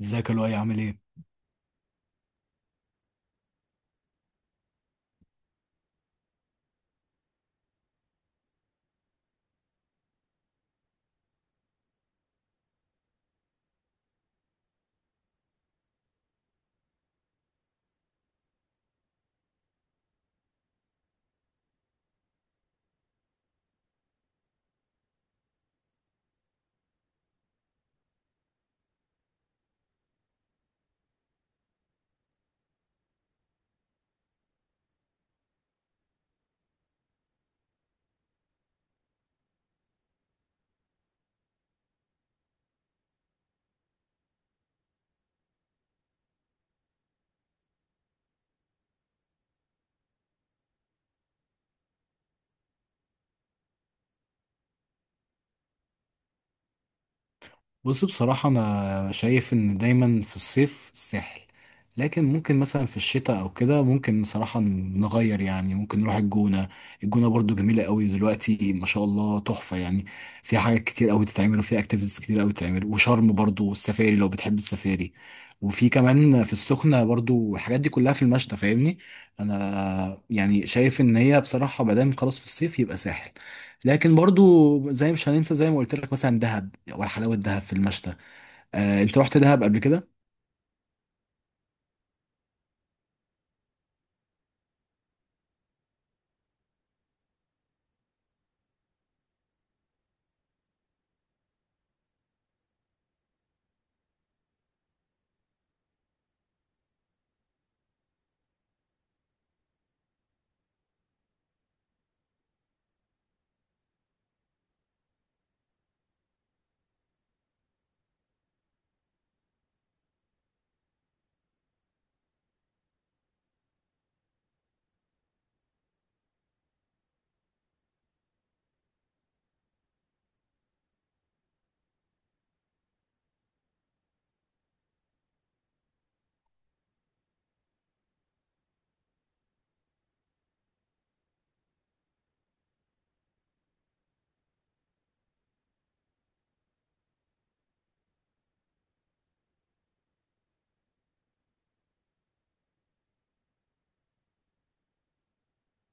ازيك يا لؤي عامل ايه؟ بص، بصراحة أنا شايف إن دايما في الصيف الساحل. لكن ممكن مثلا في الشتاء أو كده ممكن بصراحة نغير، يعني ممكن نروح الجونة. الجونة برضو جميلة قوي دلوقتي ما شاء الله تحفة يعني. فيها حاجات كتير قوي تتعمل وفيها اكتيفيتيز كتير قوي تتعمل، وشرم برضو والسفاري لو بتحب السفاري. وفي كمان في السخنة برضو، الحاجات دي كلها في المشتى، فاهمني؟ أنا يعني شايف إن هي بصراحة ما دام خلاص في الصيف يبقى ساحل. لكن برضو زي مش هننسى، زي ما قلت لك مثلا دهب، وحلاوة دهب في المشتى. انت رحت دهب قبل كده؟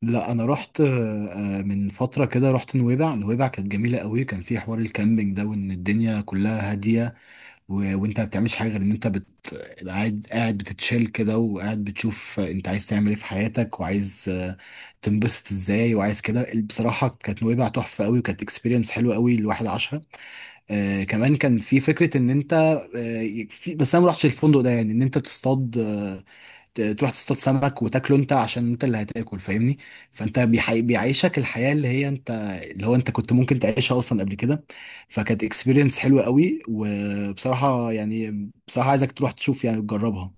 لا، انا رحت من فتره كده رحت نويبع. نويبع كانت جميله قوي، كان في حوار الكامبينج ده وان الدنيا كلها هاديه وانت ما بتعملش حاجه غير ان انت قاعد بتتشيل كده، وقاعد بتشوف انت عايز تعمل ايه في حياتك وعايز تنبسط ازاي وعايز كده. بصراحه كانت نويبع تحفه قوي، وكانت اكسبيرينس حلوه قوي الواحد عاشها. كمان كان في فكرة ان انت آه في بس انا ما رحتش الفندق ده، يعني ان انت تصطاد، تروح تصطاد سمك وتاكله انت عشان انت اللي هتاكل، فاهمني؟ فانت بيعيشك الحياة اللي هي انت، اللي هو انت كنت ممكن تعيشها اصلا قبل كده. فكانت اكسبيرينس حلوة قوي، وبصراحة يعني بصراحة عايزك تروح تشوف، يعني تجربها.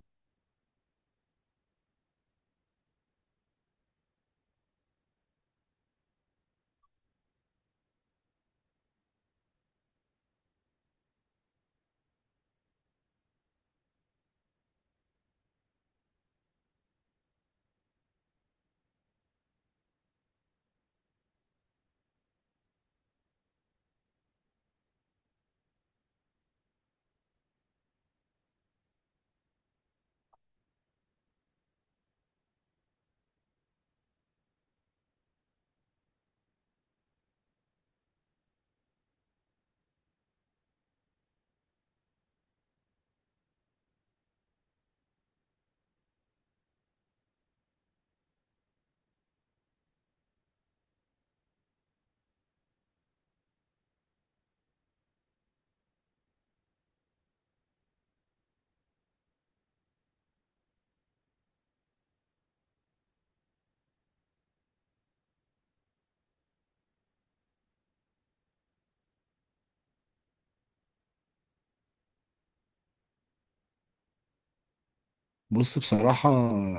بص، بصراحة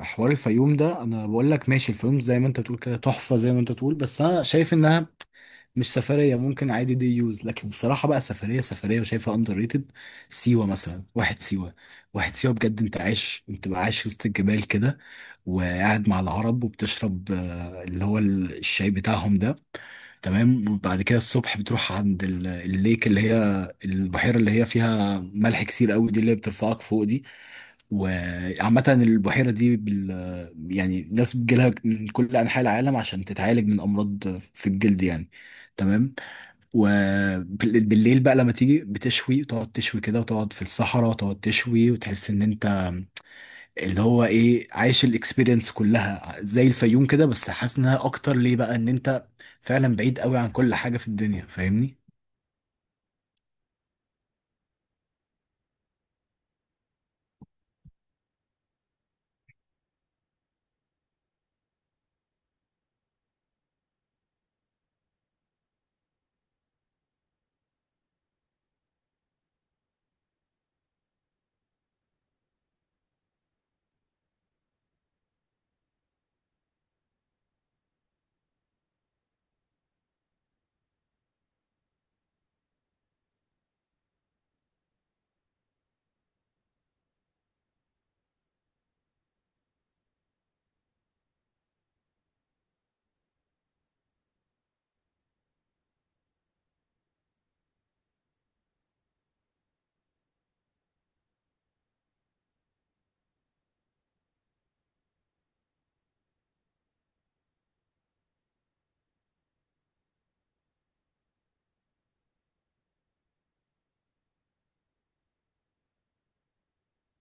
حوار الفيوم ده، أنا بقول لك ماشي الفيوم زي ما أنت بتقول كده تحفة زي ما أنت بتقول، بس أنا شايف إنها مش سفريه، ممكن عادي دي يوز. لكن بصراحه بقى سفريه سفريه وشايفها اندر ريتد، سيوه مثلا. واحد سيوه، واحد سيوه بجد، انت عايش، انت بقى عايش وسط الجبال كده، وقاعد مع العرب وبتشرب اللي هو الشاي بتاعهم ده، تمام؟ وبعد كده الصبح بتروح عند الليك، اللي هي البحيره اللي هي فيها ملح كتير قوي دي، اللي هي بترفعك فوق دي. وعامة البحيرة دي يعني ناس بتجيلها من كل أنحاء العالم عشان تتعالج من أمراض في الجلد يعني، تمام؟ وبالليل بقى لما تيجي بتشوي، تقعد تشوي كده وتقعد في الصحراء تقعد تشوي، وتحس إن أنت اللي هو إيه، عايش الإكسبيرينس كلها زي الفيوم كده، بس حاسس إنها أكتر ليه بقى، إن أنت فعلا بعيد قوي عن كل حاجة في الدنيا، فاهمني؟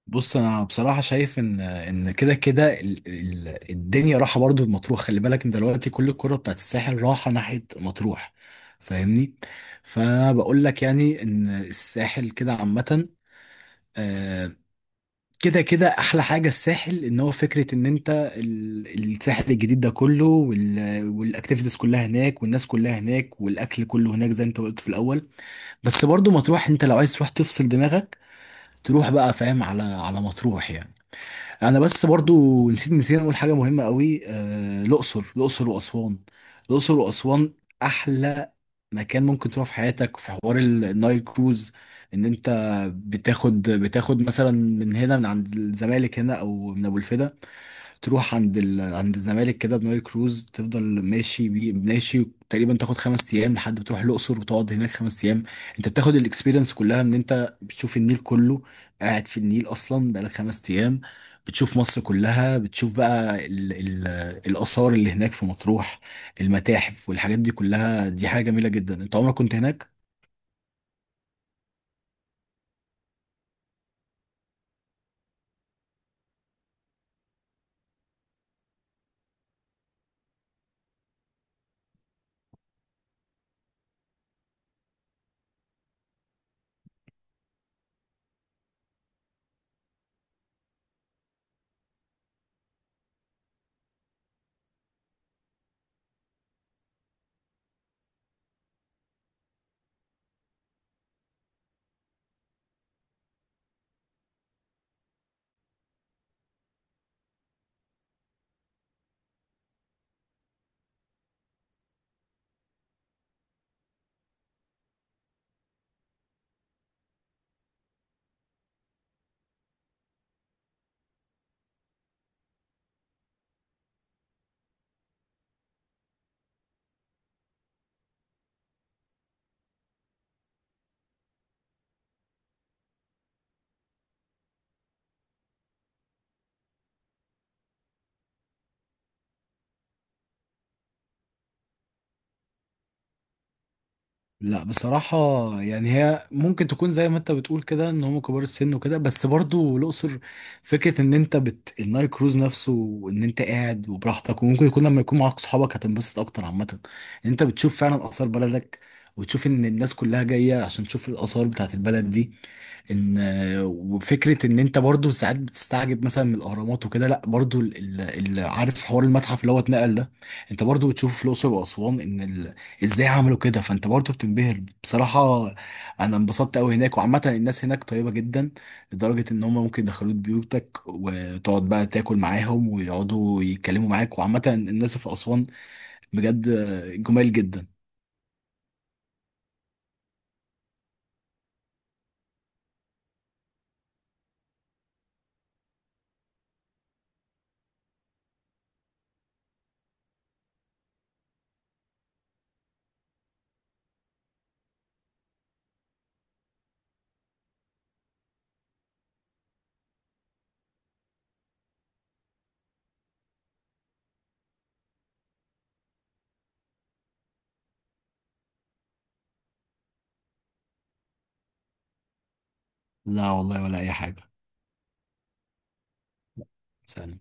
بص، انا بصراحه شايف ان كده كده الدنيا راحه برضو لمطروح، خلي بالك انت دلوقتي كل الكره بتاعت الساحل راحه ناحيه مطروح، فاهمني؟ فانا بقول لك يعني ان الساحل كده عامه، آه، كده كده احلى حاجه الساحل، ان هو فكره ان انت الساحل الجديد ده كله، والاكتيفيتيز كلها هناك والناس كلها هناك والاكل كله هناك زي انت قلت في الاول. بس برضو مطروح، انت لو عايز تروح تفصل دماغك تروح بقى، فاهم، على على مطروح يعني. انا بس برضو نسيت، نسينا نقول حاجه مهمه قوي، الاقصر واسوان، الاقصر واسوان احلى مكان ممكن تروح في حياتك، في حوار النايل كروز، ان انت بتاخد مثلا من هنا من عند الزمالك هنا، او من ابو الفدا، تروح عند عند الزمالك كده بنايل كروز، تفضل ماشي ماشي تقريبا تاخد 5 ايام لحد بتروح الاقصر وتقعد هناك 5 ايام. انت بتاخد الاكسبيرينس كلها، ان انت بتشوف النيل كله، قاعد في النيل اصلا بقالك 5 ايام، بتشوف مصر كلها، بتشوف بقى الاثار اللي هناك في مطروح، المتاحف والحاجات دي كلها، دي حاجه جميله جدا. انت عمرك كنت هناك؟ لا، بصراحة يعني هي ممكن تكون زي ما انت بتقول كده، ان هم كبار السن وكده، بس برضو الأقصر فكرة ان انت بت النايل كروز نفسه، وان انت قاعد وبراحتك، وممكن يكون لما يكون معاك صحابك هتنبسط اكتر. عامة انت بتشوف فعلا آثار بلدك، وتشوف ان الناس كلها جاية عشان تشوف الآثار بتاعت البلد دي، ان وفكره ان انت برضو ساعات بتستعجب مثلا من الاهرامات وكده، لا برضو اللي عارف حوار المتحف اللي هو اتنقل ده، انت برضو بتشوف في الاقصر واسوان ازاي عملوا كده، فانت برضو بتنبهر. بصراحه انا انبسطت قوي هناك، وعامه الناس هناك طيبه جدا، لدرجه ان هم ممكن يدخلوك بيوتك وتقعد بقى تاكل معاهم ويقعدوا يتكلموا معاك، وعامه الناس في اسوان بجد جمال جدا. لا والله، ولا اي حاجه. سلام.